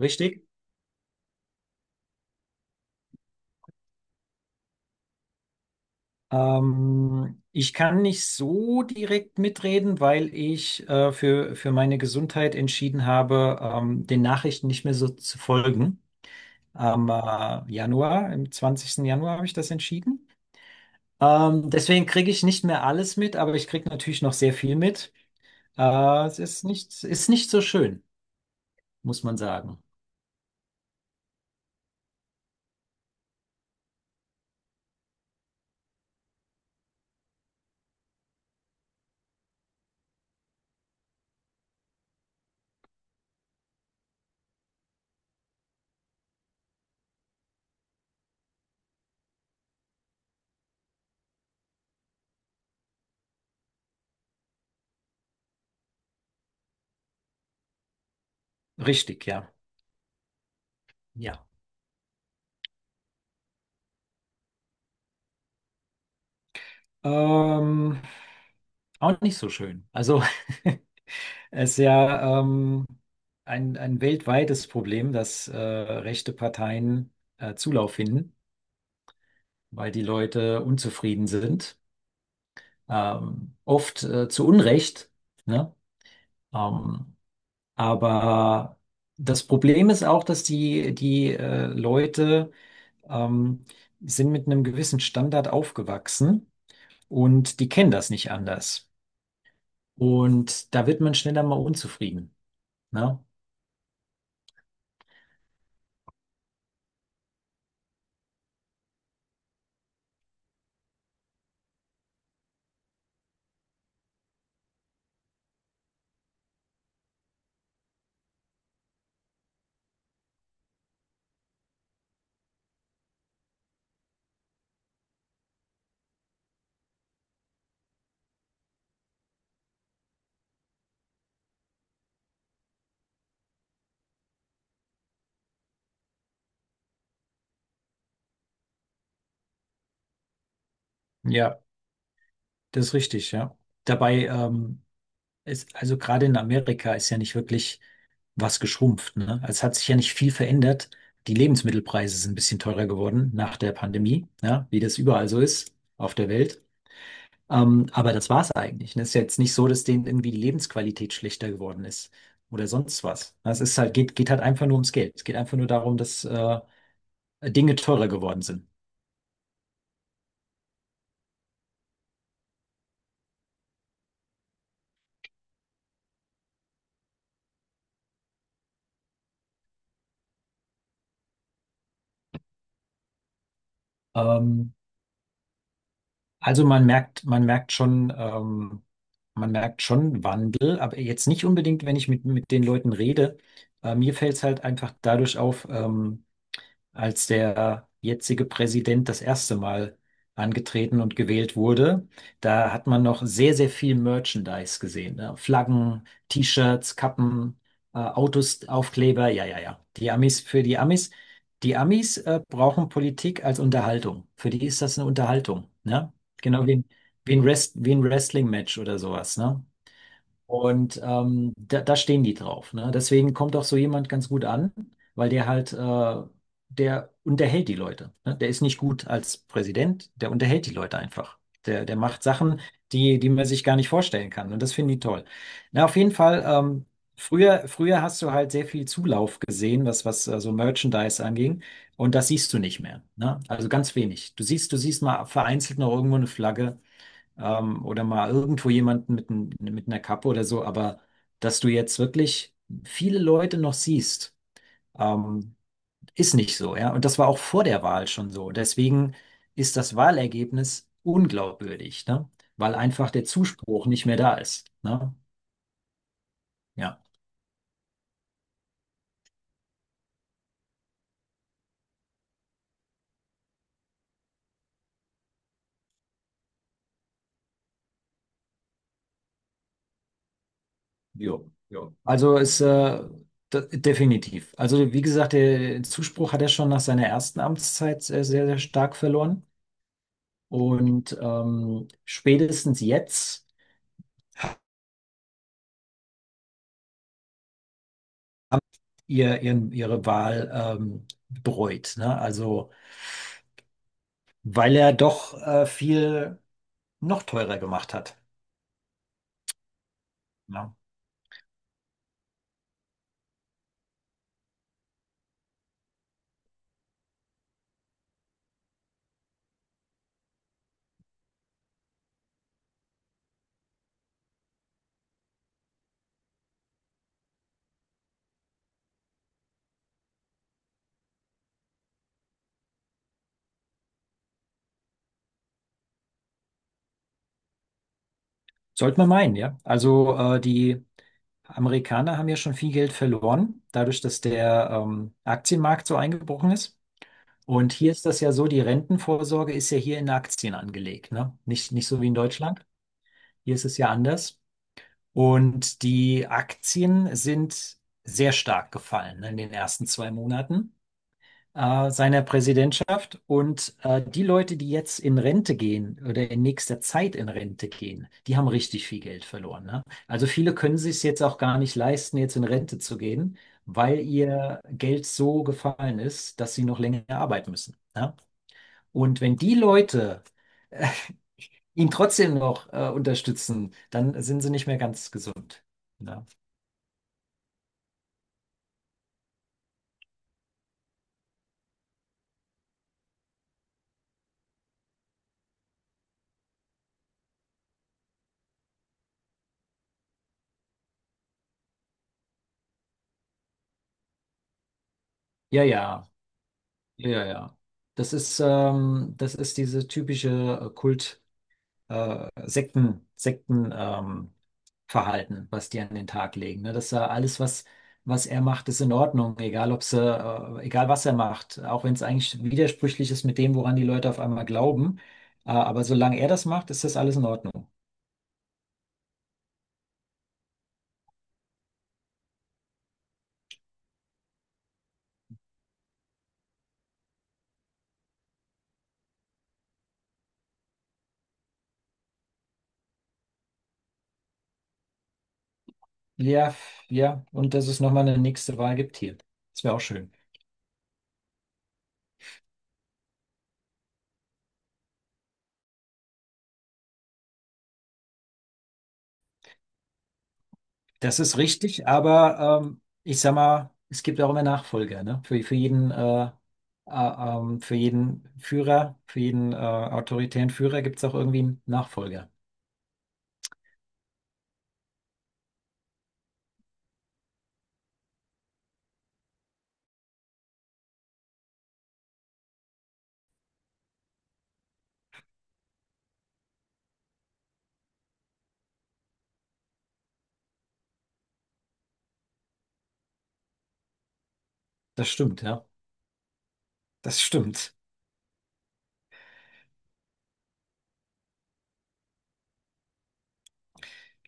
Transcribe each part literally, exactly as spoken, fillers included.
Richtig. Ähm, ich kann nicht so direkt mitreden, weil ich äh, für, für meine Gesundheit entschieden habe, ähm, den Nachrichten nicht mehr so zu folgen. Am äh, Januar, im zwanzigsten Januar habe ich das entschieden. Ähm, deswegen kriege ich nicht mehr alles mit, aber ich kriege natürlich noch sehr viel mit. Äh, es ist nicht, ist nicht so schön, muss man sagen. Richtig, ja. Ja. Ähm, Auch nicht so schön. Also. Es ist ja ähm, ein, ein weltweites Problem, dass äh, rechte Parteien äh, Zulauf finden, weil die Leute unzufrieden sind. Ähm, oft äh, zu Unrecht, ne? Ähm, aber das Problem ist auch, dass die, die äh, Leute ähm, sind mit einem gewissen Standard aufgewachsen und die kennen das nicht anders. Und da wird man schneller mal unzufrieden, ne? Ja. Das ist richtig, ja. Dabei ähm, ist, also gerade in Amerika ist ja nicht wirklich was geschrumpft, ne? Also es hat sich ja nicht viel verändert. Die Lebensmittelpreise sind ein bisschen teurer geworden nach der Pandemie, ja, wie das überall so ist auf der Welt. Ähm, aber das war's eigentlich, ne? Es ist ja jetzt nicht so, dass denen irgendwie die Lebensqualität schlechter geworden ist oder sonst was. Es ist halt, geht, geht halt einfach nur ums Geld. Es geht einfach nur darum, dass äh, Dinge teurer geworden sind. Ähm, Also man merkt, man merkt schon, ähm, man merkt schon Wandel, aber jetzt nicht unbedingt, wenn ich mit, mit den Leuten rede. Äh, mir fällt es halt einfach dadurch auf, ähm, als der jetzige Präsident das erste Mal angetreten und gewählt wurde. Da hat man noch sehr, sehr viel Merchandise gesehen, ne? Flaggen, T-Shirts, Kappen, äh, Autos, Aufkleber. Ja, ja, ja. Die Amis für die Amis. Die Amis äh, brauchen Politik als Unterhaltung. Für die ist das eine Unterhaltung, ne? Genau wie, ein- wie ein Rest, wie ein Wrestling-Match oder sowas, ne? Und ähm, da, da stehen die drauf. Ne? Deswegen kommt auch so jemand ganz gut an, weil der halt, äh, der unterhält die Leute. Ne? Der ist nicht gut als Präsident, der unterhält die Leute einfach. Der, der macht Sachen, die, die man sich gar nicht vorstellen kann. Und das finden die toll. Na, auf jeden Fall, ähm, früher, früher hast du halt sehr viel Zulauf gesehen, was, was äh, so Merchandise anging. Und das siehst du nicht mehr. Ne? Also ganz wenig. Du siehst, du siehst mal vereinzelt noch irgendwo eine Flagge ähm, oder mal irgendwo jemanden mit, n- mit einer Kappe oder so, aber dass du jetzt wirklich viele Leute noch siehst, ähm, ist nicht so, ja. Und das war auch vor der Wahl schon so. Deswegen ist das Wahlergebnis unglaubwürdig, ne? Weil einfach der Zuspruch nicht mehr da ist, ne? Ja. Jo, jo. Also ist äh, de- definitiv. Also wie gesagt, der Zuspruch hat er schon nach seiner ersten Amtszeit sehr, sehr, sehr stark verloren. Und ähm, spätestens jetzt haben ihr, ihren, ihre Wahl ähm, bereut. Ne? Also, weil er doch äh, viel noch teurer gemacht hat. Ja. Sollte man meinen, ja. Also, äh, die Amerikaner haben ja schon viel Geld verloren, dadurch, dass der ähm, Aktienmarkt so eingebrochen ist. Und hier ist das ja so, die Rentenvorsorge ist ja hier in Aktien angelegt, ne? Nicht, nicht so wie in Deutschland. Hier ist es ja anders. Und die Aktien sind sehr stark gefallen, ne, in den ersten zwei Monaten. Äh, seiner Präsidentschaft. Und äh, die Leute, die jetzt in Rente gehen oder in nächster Zeit in Rente gehen, die haben richtig viel Geld verloren. Ne? Also viele können sich es jetzt auch gar nicht leisten, jetzt in Rente zu gehen, weil ihr Geld so gefallen ist, dass sie noch länger arbeiten müssen. Ne? Und wenn die Leute äh, ihn trotzdem noch äh, unterstützen, dann sind sie nicht mehr ganz gesund. Ne? Ja, ja, ja, ja, ja. Das ist, ähm, das ist diese typische äh, Kult, äh, Sekten, Sekten, ähm, Verhalten, was die an den Tag legen. Ne? Dass er alles, was, was er macht, ist in Ordnung, egal ob sie, äh, egal was er macht, auch wenn es eigentlich widersprüchlich ist mit dem, woran die Leute auf einmal glauben. Äh, aber solange er das macht, ist das alles in Ordnung. Ja, ja, und dass es nochmal eine nächste Wahl gibt hier. Das wäre auch schön. Das ist richtig, aber ähm, ich sag mal, es gibt auch immer Nachfolger, ne? Für, für jeden, äh, äh, ähm, für jeden Führer, für jeden äh, autoritären Führer gibt es auch irgendwie einen Nachfolger. Das stimmt, ja. Das stimmt.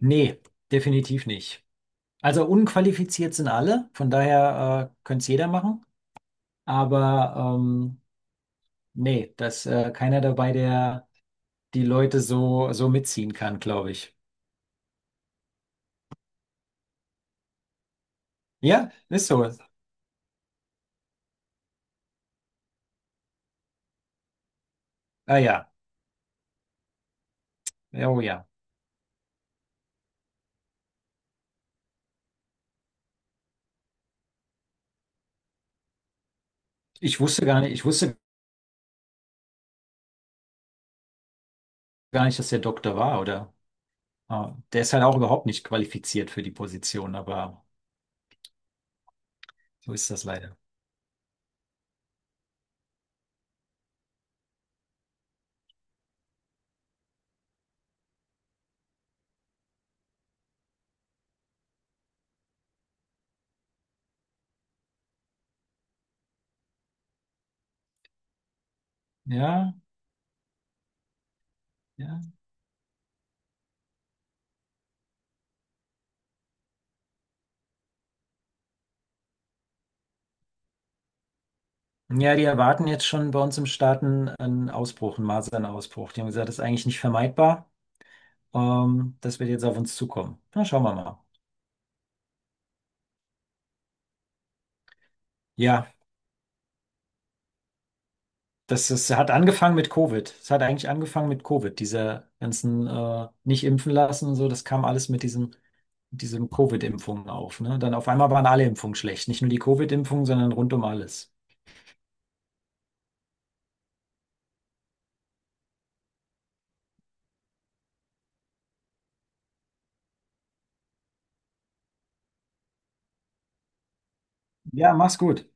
Nee, definitiv nicht. Also unqualifiziert sind alle, von daher äh, könnte es jeder machen. Aber ähm, nee, dass äh, keiner dabei, der die Leute so, so mitziehen kann, glaube ich. Ja, ist so. Ah ja. Ja, oh ja. Ich wusste gar nicht, ich wusste gar nicht, dass der Doktor war, oder? Ah, der ist halt auch überhaupt nicht qualifiziert für die Position, aber so ist das leider. Ja, ja. Ja, die erwarten jetzt schon bei uns im Staaten einen einen Ausbruch, einen Masernausbruch. Die haben gesagt, das ist eigentlich nicht vermeidbar. Ähm, das wird jetzt auf uns zukommen. Na, schauen wir mal. Ja. Das ist, hat angefangen mit Covid. Es hat eigentlich angefangen mit Covid. Diese ganzen äh, nicht impfen lassen und so, das kam alles mit diesem, diesem Covid-Impfungen auf. Ne? Dann auf einmal waren alle Impfungen schlecht. Nicht nur die Covid-Impfung, sondern rund um alles. Ja, mach's gut.